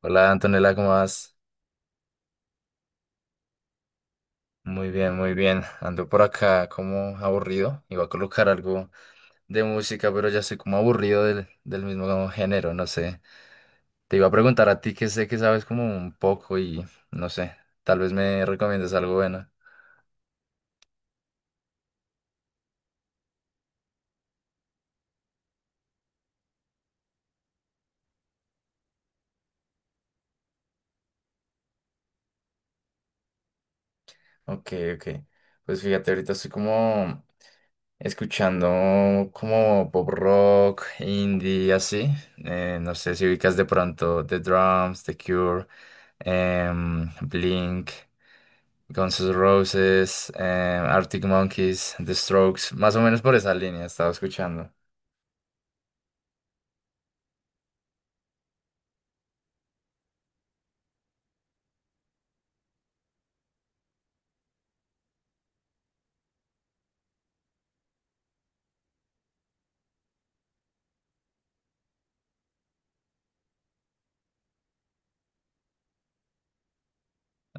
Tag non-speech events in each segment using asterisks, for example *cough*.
Hola Antonella, ¿cómo vas? Muy bien, muy bien. Ando por acá como aburrido. Iba a colocar algo de música, pero ya estoy como aburrido del mismo género, no sé. Te iba a preguntar a ti que sé que sabes como un poco y no sé, tal vez me recomiendas algo bueno. Ok, ok. Pues fíjate, ahorita estoy como escuchando como pop rock, indie, así. No sé si ubicas de pronto The Drums, The Cure, Blink, Guns N' Roses, Arctic Monkeys, The Strokes, más o menos por esa línea estaba escuchando.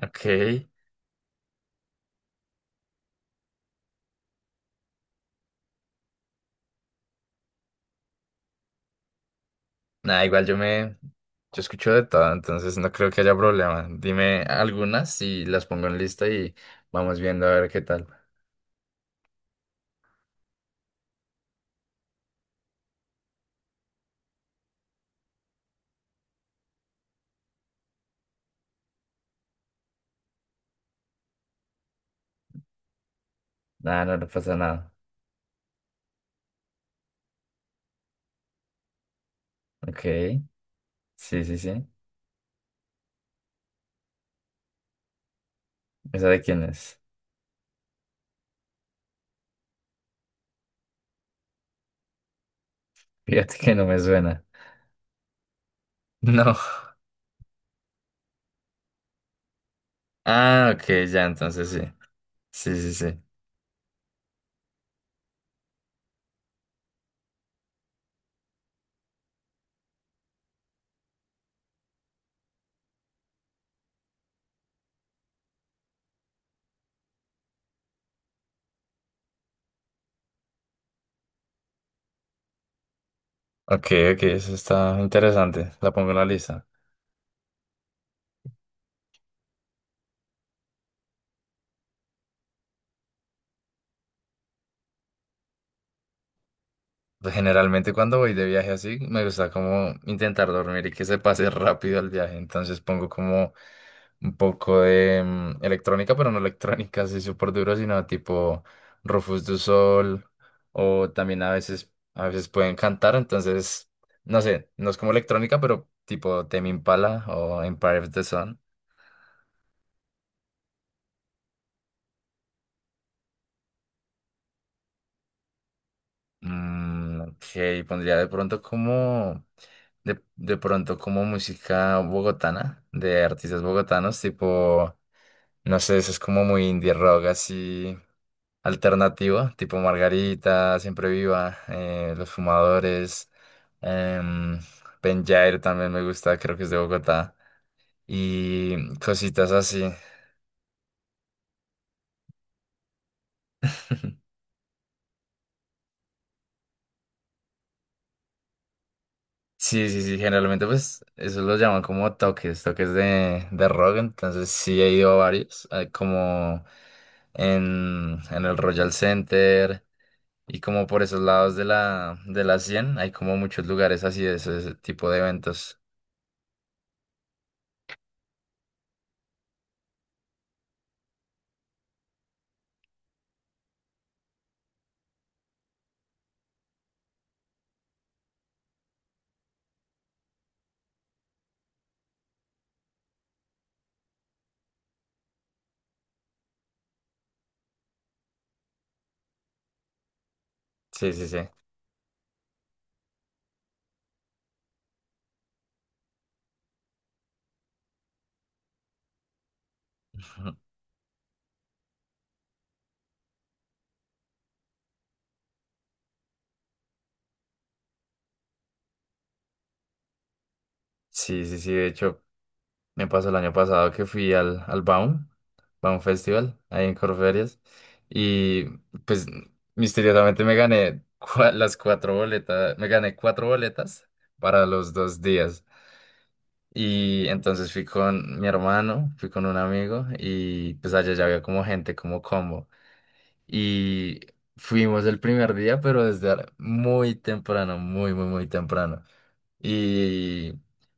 Ok, nada, igual Yo escucho de todo, entonces no creo que haya problema. Dime algunas y las pongo en lista y vamos viendo a ver qué tal. Nada, no, no pasa nada. Ok, sí, sí, sí. ¿Esa de quién es? Fíjate que no me suena. *laughs* No. Ah, ok, ya, entonces sí. Sí, sí, sí. Ok, ok, eso está interesante. La pongo en la lista. Pues, generalmente cuando voy de viaje así, me gusta como intentar dormir y que se pase *laughs* rápido el viaje. Entonces pongo como un poco de electrónica, pero no electrónica así súper duro, sino tipo Rufus du Sol o también a veces pueden cantar. Entonces, no sé, no es como electrónica, pero tipo Tame Impala o Empire of the Sun. Ok, pondría de pronto como, de pronto como música bogotana, de artistas bogotanos, tipo, no sé, eso es como muy indie rock así alternativo, tipo Margarita, Siempre Viva, Los Fumadores, em, Penyair también me gusta, creo que es de Bogotá, y cositas así. *laughs* Sí, sí, sí, generalmente pues eso lo llaman como toques, toques de rock, entonces sí he ido a varios, como en el Royal Center y como por esos lados de la 100, hay como muchos lugares así de ese tipo de eventos. Sí, sí, sí. *laughs* Sí, sí, sí, de hecho, me pasó el año pasado que fui al Baum Festival, ahí en Corferias, y pues misteriosamente me gané *laughs* las cuatro boletas, me gané cuatro boletas para los 2 días. Y entonces fui con mi hermano, fui con un amigo, y pues allá ya había como gente, como combo. Y fuimos el primer día, pero desde muy temprano, muy, muy, muy temprano y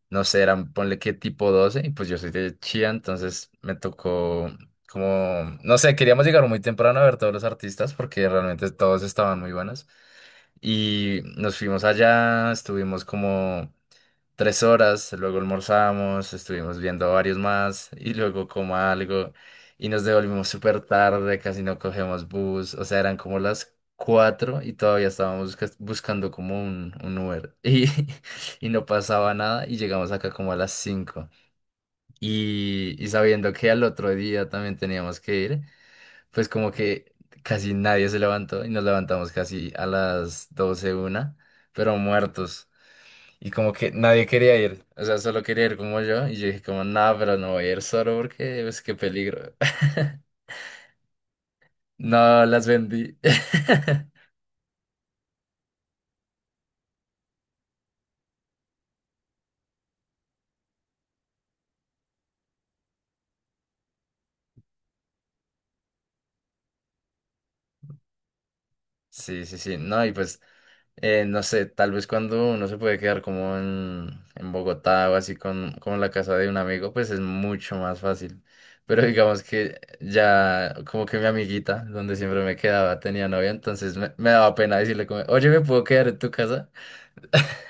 no sé, eran, ponle que tipo 12 y pues yo soy de Chía, entonces me tocó como, no sé, queríamos llegar muy temprano a ver todos los artistas porque realmente todos estaban muy buenos. Y nos fuimos allá, estuvimos como 3 horas, luego almorzamos, estuvimos viendo varios más y luego como algo y nos devolvimos súper tarde, casi no cogemos bus, o sea, eran como las cuatro y todavía estábamos buscando como un Uber. *laughs* Y no pasaba nada y llegamos acá como a las cinco. Y sabiendo que al otro día también teníamos que ir, pues como que casi nadie se levantó y nos levantamos casi a las 12 una, pero muertos. Y como que nadie quería ir, o sea, solo quería ir como yo. Y yo dije como, nada, pero no voy a ir solo porque, pues, qué peligro. *laughs* No, las vendí. *laughs* Sí, sí, sí. No, y pues no sé, tal vez cuando uno se puede quedar como en Bogotá o así con, como en la casa de un amigo, pues es mucho más fácil. Pero digamos que ya como que mi amiguita, donde siempre me quedaba, tenía novia, entonces me daba pena decirle como, oye, ¿me puedo quedar en tu casa? *laughs*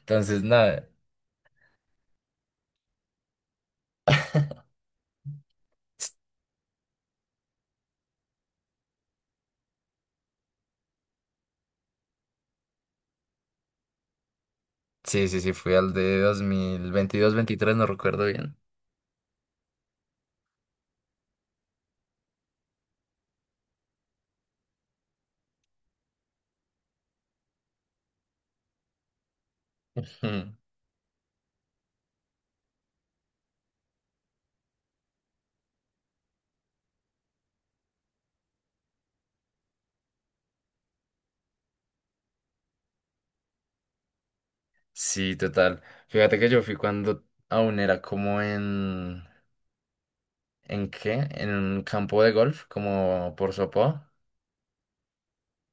Entonces, nada. Sí, sí, sí, fui al de 2022, veintitrés, no recuerdo bien. *laughs* Mm, Sí, total. Fíjate que yo fui cuando aún era como en... ¿En qué? En un campo de golf, como por Sopó.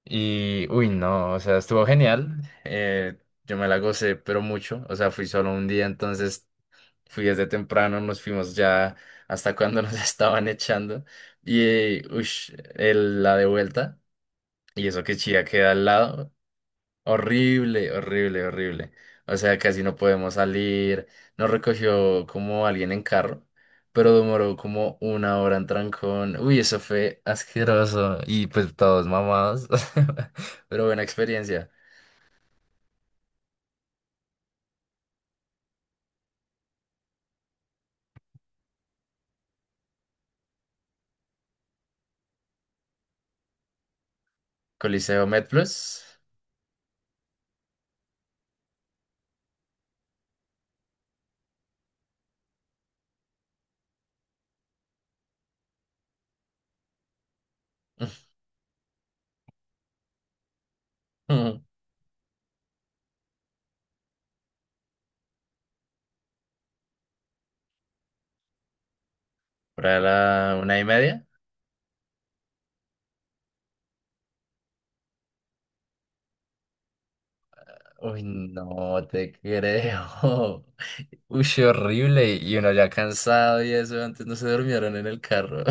Y, uy, no, o sea, estuvo genial. eh, yo me la gocé, pero mucho. O sea, fui solo un día, entonces fui desde temprano, nos fuimos ya hasta cuando nos *laughs* estaban echando. Y, uy, la de vuelta. Y eso que Chía queda al lado. Horrible, horrible, horrible. O sea, casi no podemos salir. Nos recogió como alguien en carro, pero demoró como una hora en trancón. Uy, eso fue asqueroso. Y pues todos mamados. *laughs* Pero buena experiencia. Coliseo MedPlus. *laughs* Para la una y media. Uy, no te creo. *laughs* Uy, sí, horrible. Y uno ya cansado y eso. Antes no se durmieron en el carro.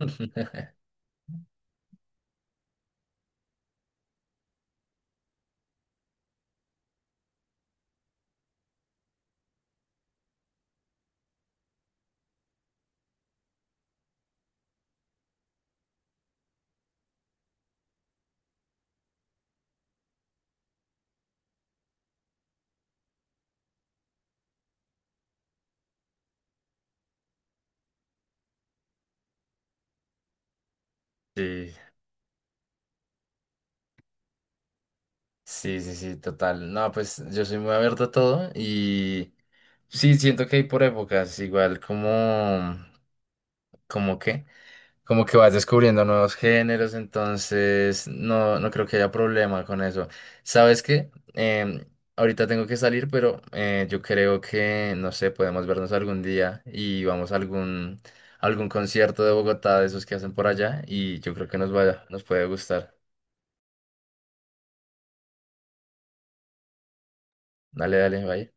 *laughs* Sí. Sí, sí, sí, total. No, pues yo soy muy abierto a todo y sí, siento que hay por épocas, igual como que, como que vas descubriendo nuevos géneros, entonces no, no creo que haya problema con eso. ¿Sabes qué? Em, ahorita tengo que salir, pero yo creo que, no sé, podemos vernos algún día y vamos a algún concierto de Bogotá, de esos que hacen por allá, y yo creo que nos vaya, nos puede gustar. Dale, dale, vaya.